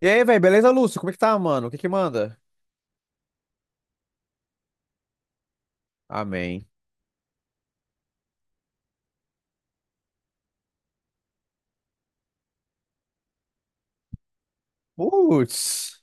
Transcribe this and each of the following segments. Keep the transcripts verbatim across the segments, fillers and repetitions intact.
E aí, velho, beleza, Lúcio? Como é que tá, mano? O que que manda? Amém. Putz.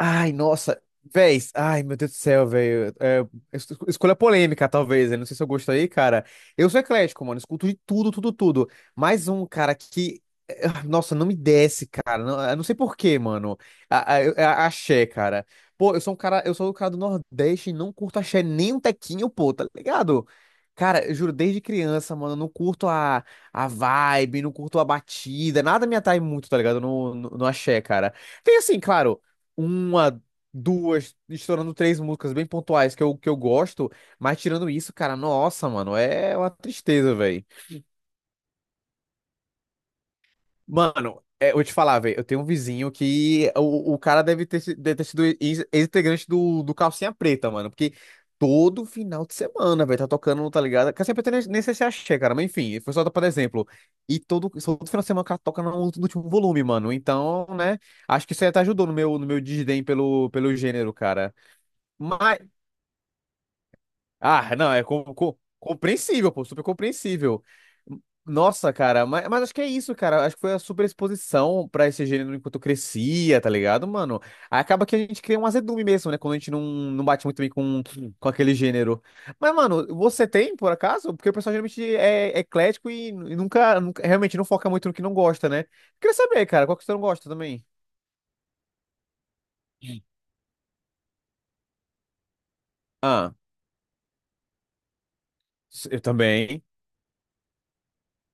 Ai, nossa, véi, ai, meu Deus do céu, velho. É, es- escolha polêmica, talvez, né? Não sei se eu gosto aí, cara. Eu sou eclético, mano, escuto de tudo, tudo, tudo. Mais um, cara, que. eh, Nossa, não me desce, cara. Não, eu não sei por quê, mano. A, a, eu- é a- Axé, cara. Pô, eu sou um cara, eu sou um cara do Nordeste e não curto axé nem um tequinho, pô, tá ligado? Cara, eu juro, desde criança, mano, eu não curto a, a vibe, não curto a batida, nada me atrai muito, tá ligado? No, no, no axé, cara. Tem assim, claro uma, duas, estourando três músicas bem pontuais que eu, que eu gosto, mas tirando isso, cara, nossa, mano, é uma tristeza, velho. Mano, é, eu vou te falar, velho, eu tenho um vizinho que o, o cara deve ter, si- deve ter sido ex- ex-integrante do, do Calcinha Preta, mano, porque todo final de semana, velho, tá tocando, tá ligado? Calcinha Preta nem, nem sei se é axé, cara, mas enfim, foi só pra dar exemplo. E todo, todo final de semana o cara toca no, no último volume, mano, então, né, acho que isso aí até ajudou no meu, no meu desdém pelo, pelo gênero, cara. mas Ah, não, é com- com- compreensível, pô, super compreensível. Nossa, cara, mas, mas acho que é isso, cara. Acho que foi a super exposição pra esse gênero enquanto crescia, tá ligado, mano? Aí acaba que a gente cria um azedume mesmo, né? Quando a gente não, não bate muito bem com, com aquele gênero. Mas, mano, você tem, por acaso? Porque o pessoal geralmente é é eclético e, e nunca, nunca- realmente não foca muito no que não gosta, né? Queria saber, cara, qual que você não gosta também? Ah, eu também.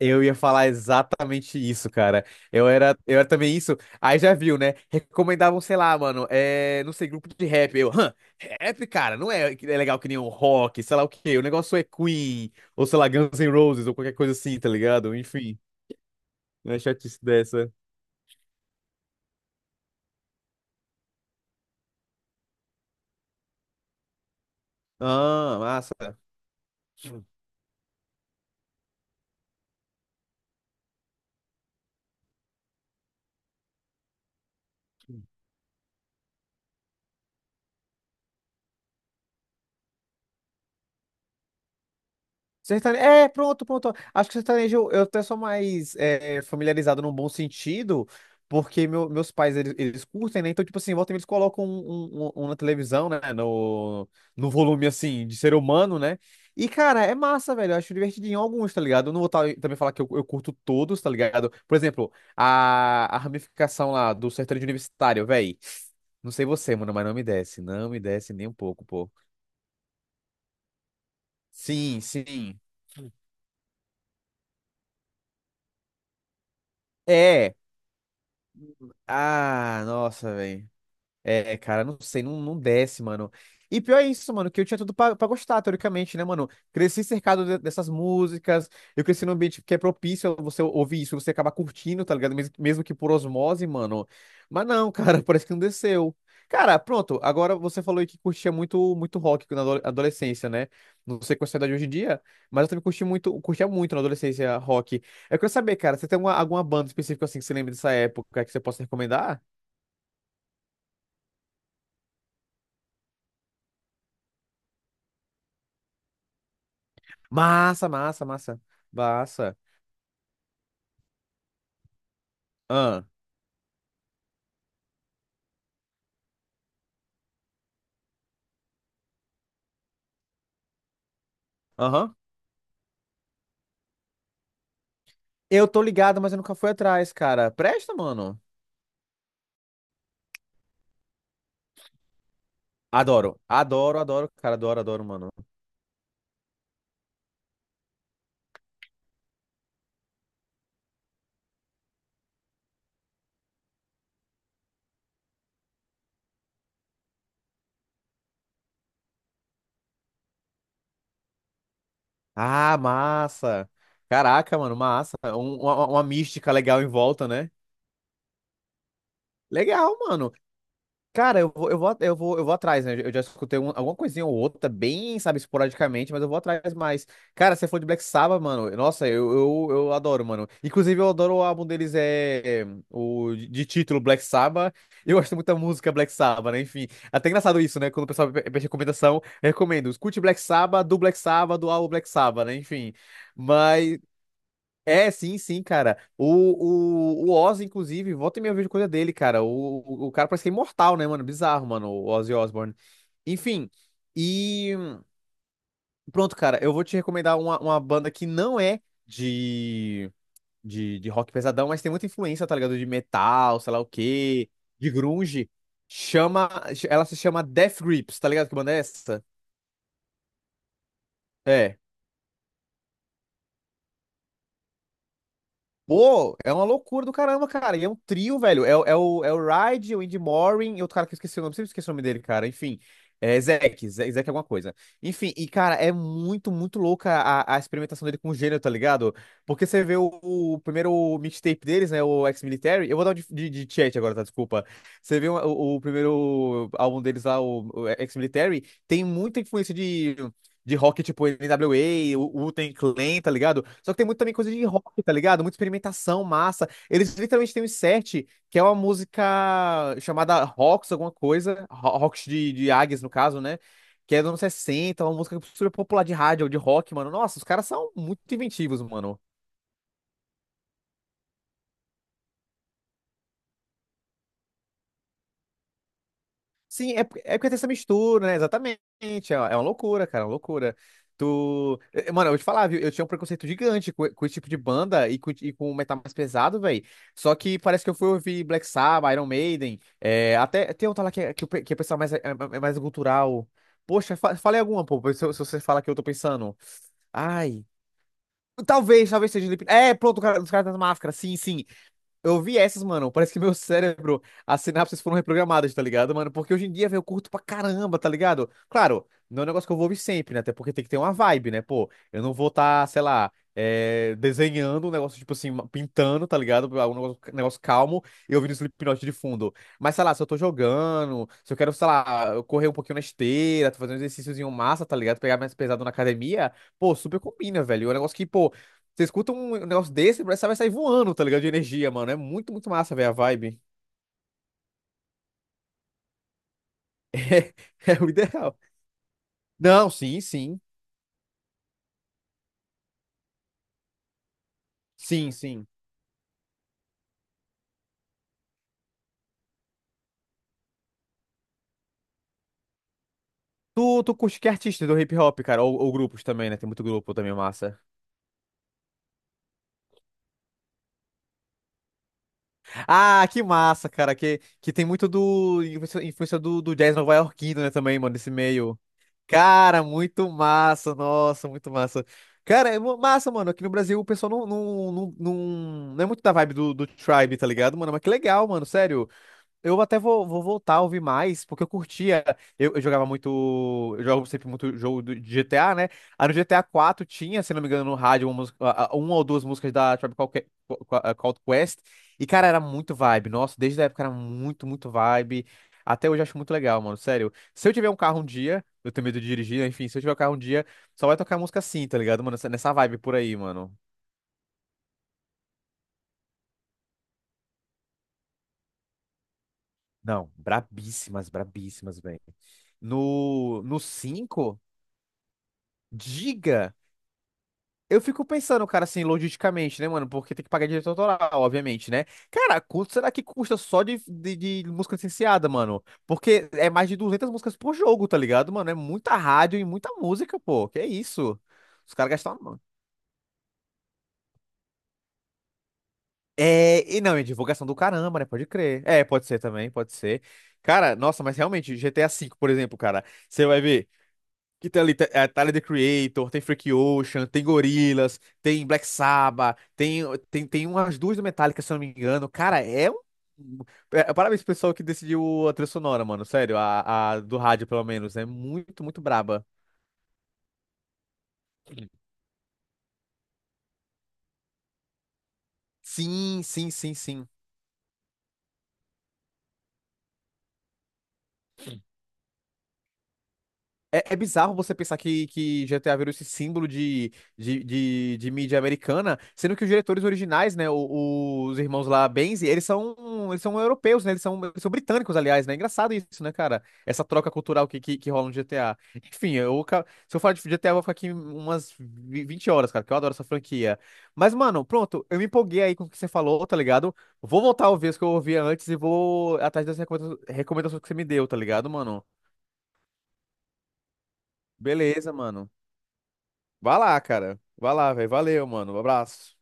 Eu ia falar exatamente isso, cara. Eu era, eu era também isso. Aí já viu, né? Recomendavam, sei lá, mano, é, não sei, grupo de rap. Eu, hã, rap, cara, não é, é legal que nem um rock, sei lá o quê. O negócio é Queen, ou sei lá, Guns N' Roses, ou qualquer coisa assim, tá ligado? Enfim, não é chatice dessa. Ah, massa. Sertanejo. É, pronto, pronto. Acho que sertanejo eu até sou mais é, familiarizado num bom sentido, porque meu- meus pais eles, eles curtem, né? Então, tipo assim, volta e meia, eles colocam um, um- um- um na televisão, né? No, no volume assim, de ser humano, né? E, cara, é massa, velho. Eu acho divertidinho alguns, tá ligado? Eu não vou tá- também falar que eu, eu curto todos, tá ligado? Por exemplo, a, a ramificação lá do sertanejo universitário, velho. Não sei você, mano, mas não me desce. Não me desce nem um pouco, pô. Sim, sim. É. Ah, nossa, velho. É, cara, não sei, não, não desce, mano. E pior é isso, mano, que eu tinha tudo pra, pra gostar, teoricamente, né, mano? Cresci cercado de- dessas músicas, eu cresci num ambiente que é propício a você ouvir isso, você acaba curtindo, tá ligado? Mesmo, mesmo que por osmose, mano. Mas não, cara, parece que não desceu. Cara, pronto, agora você falou aí que curtia muito, muito rock na ado- adolescência, né? Não sei qual é a sua idade hoje em dia, mas eu também curti muito, curtia muito na adolescência rock. Eu quero saber, cara, você tem alguma, alguma banda específica assim que você lembra dessa época que você possa recomendar? Massa, massa, massa. Massa. Ah, aham. Eu tô ligado, mas eu nunca fui atrás, cara. Presta, mano. Adoro. Adoro, adoro, cara. Adoro, adoro, mano. Ah, massa. Caraca, mano, massa. Um- uma, uma mística legal em volta, né? Legal, mano. Cara, eu vou, eu vou, eu vou, eu vou atrás, né? Eu já escutei um- alguma coisinha ou outra, bem, sabe, esporadicamente, mas eu vou atrás mais. Cara, você falou de Black Sabbath, mano. Nossa, eu, eu, eu adoro, mano. Inclusive, eu adoro o álbum deles, é, é, o de de título Black Sabbath. Eu gosto muito da música Black Sabbath, né? Enfim, até engraçado isso, né? Quando o pessoal pe- pede recomendação, eu recomendo. Escute Black Sabbath, do Black Sabbath, do álbum Black Sabbath, né? Enfim. É, sim, sim, cara. O, o, o Oz, inclusive, volta e meia eu vejo coisa dele, cara. O, o, o cara parece que é imortal, né, mano? Bizarro, mano, o Ozzy Osbourne. Enfim, e pronto, cara. Eu vou te recomendar uma, uma banda que não é de, de, de rock pesadão, mas tem muita influência, tá ligado? De metal, sei lá o quê, de grunge. Chama, ela se chama Death Grips, tá ligado? Que banda é essa? É. Pô, é uma loucura do caramba, cara. E é um trio, velho. É, o- é o, é o Ride, o Andy Morin e outro cara que eu esqueci o nome. Sempre esqueci o nome dele, cara. Enfim, é Zack, Zack Zack alguma coisa. Enfim, e cara, é muito, muito louca a, a experimentação dele com o gênero, tá ligado? Porque você vê o, o primeiro mixtape deles, né? O Ex-Military. Eu vou dar um de, de, de chat agora, tá? Desculpa. Você vê o, o primeiro álbum deles lá, o, o Ex-Military, tem muita influência de de rock, tipo N W A, o Wu-Tang Clan, tá ligado? Só que tem muito também coisa de rock, tá ligado? Muita experimentação, massa. Eles literalmente têm um set que é uma música chamada Rocks, alguma coisa. Ro- Rocks de, de Águias, no caso, né? Que é dos anos sessenta, uma música super popular de rádio, de rock, mano. Nossa, os caras são muito inventivos, mano. Sim, é, porque- é porque tem essa mistura, né? Exatamente. É, uma é uma loucura, cara, é uma loucura. Tu. eh, Mano, eu vou te falar, viu? Eu tinha um preconceito gigante com, com esse tipo de banda e com, e com metal mais pesado, velho. Só que parece que eu fui ouvir Black Sabbath, Iron Maiden. É, até tem outra lá que, é- que, o pe- que é o pessoal mais, é, é é mais cultural. Poxa, fa falei alguma, pô, se, se você fala que eu tô pensando. Ai. Talvez, talvez seja Slipknot. É, pronto, o cara, os caras das máscaras. Sim, sim. Eu vi essas, mano. Parece que meu cérebro, as sinapses foram reprogramadas, tá ligado, mano? Porque hoje em dia, velho, eu curto pra caramba, tá ligado? Claro, não é um negócio que eu vou ouvir sempre, né? Até porque tem que ter uma vibe, né? Pô, eu não vou estar, sei lá, é, desenhando um negócio, tipo assim, pintando, tá ligado? Um negócio, negócio calmo e ouvindo Slipknot de fundo. Mas, sei lá, se eu tô jogando, se eu quero, sei lá, correr um pouquinho na esteira, fazer um exercíciozinho massa, tá ligado? Pegar mais pesado na academia, pô, super combina, velho. É um negócio que, pô, você escuta um negócio desse, parece que vai sair voando, tá ligado? De energia, mano. É muito, muito massa, velho, a vibe. É, é o ideal. Não, sim, sim. Sim, sim. Tu, tu curte que artista do hip hop, cara? Ou, ou grupos também, né? Tem muito grupo também, massa. Ah, que massa, cara. Que, que tem muito do. Influência, influência do, do jazz nova-iorquino, né? Também, mano, desse meio. Cara, muito massa. Nossa, muito massa. Cara, é mu- massa, mano. Aqui no Brasil o pessoal não, não, não, não, não é muito da vibe do, do Tribe, tá ligado, mano? Mas que legal, mano. Sério. Eu até vou, vou voltar a ouvir mais, porque eu curtia. Eu, eu jogava muito. Eu jogo sempre muito jogo do- de G T A, né? Aí no G T A quatro tinha, se não me engano, no rádio, uma, música- a- a- uma ou duas músicas da Tribe Called Que- Co- Co- eh, Called Quest. E, cara, era muito vibe. Nossa, desde a época era muito, muito vibe. Até hoje eu acho muito legal, mano. Sério. Se eu tiver um carro um dia, eu tenho medo de dirigir, né? Enfim, se eu tiver um carro um dia, só vai tocar música assim, tá ligado, mano? Nessa nessa vibe por aí, mano. Não, brabíssimas, brabíssimas, velho. No, no cinco. Diga! Eu fico pensando, cara, assim, logisticamente, né, mano? Porque tem que pagar direito autoral, obviamente, né? Cara, quanto será que custa só de, de, de música licenciada, mano? Porque é mais de duzentas músicas por jogo, tá ligado, mano? É muita rádio e muita música, pô. Que é isso? Os caras gastaram. É, e não, é divulgação do caramba, né? Pode crer. É, pode ser também, pode ser. Cara, nossa, mas realmente, G T A V, por exemplo, cara, você vai ver. Que tem ali é, Tyler, The Creator, tem Freak Ocean, tem Gorillaz, tem Black Sabbath, tem, tem, tem umas duas do Metallica, se eu não me engano. Cara, é um. É, parabéns pro pessoal que decidiu a trilha sonora, mano. Sério, a, a do rádio, pelo menos. É muito, muito braba. Sim, sim, sim, sim, É, é bizarro você pensar que, que G T A virou esse símbolo de, de, de, de mídia americana, sendo que os diretores originais, né, o- o- os irmãos lá, Benzi, eles são, eles são europeus, né, eles são, eles são britânicos, aliás, né, é engraçado isso, né, cara, essa troca cultural que, que, que rola no G T A. Enfim, eu, ca- se eu falar de G T A, eu vou ficar aqui umas vi- vinte horas, cara, que eu adoro essa franquia. Mas, mano, pronto, eu me empolguei aí com o que você falou, tá ligado? Vou voltar a ouvir as que eu ouvia antes e vou atrás das recomenda- recomendações que você me deu, tá ligado, mano? Beleza, mano. Vai lá, cara. Vai lá, velho. Valeu, mano. Um abraço.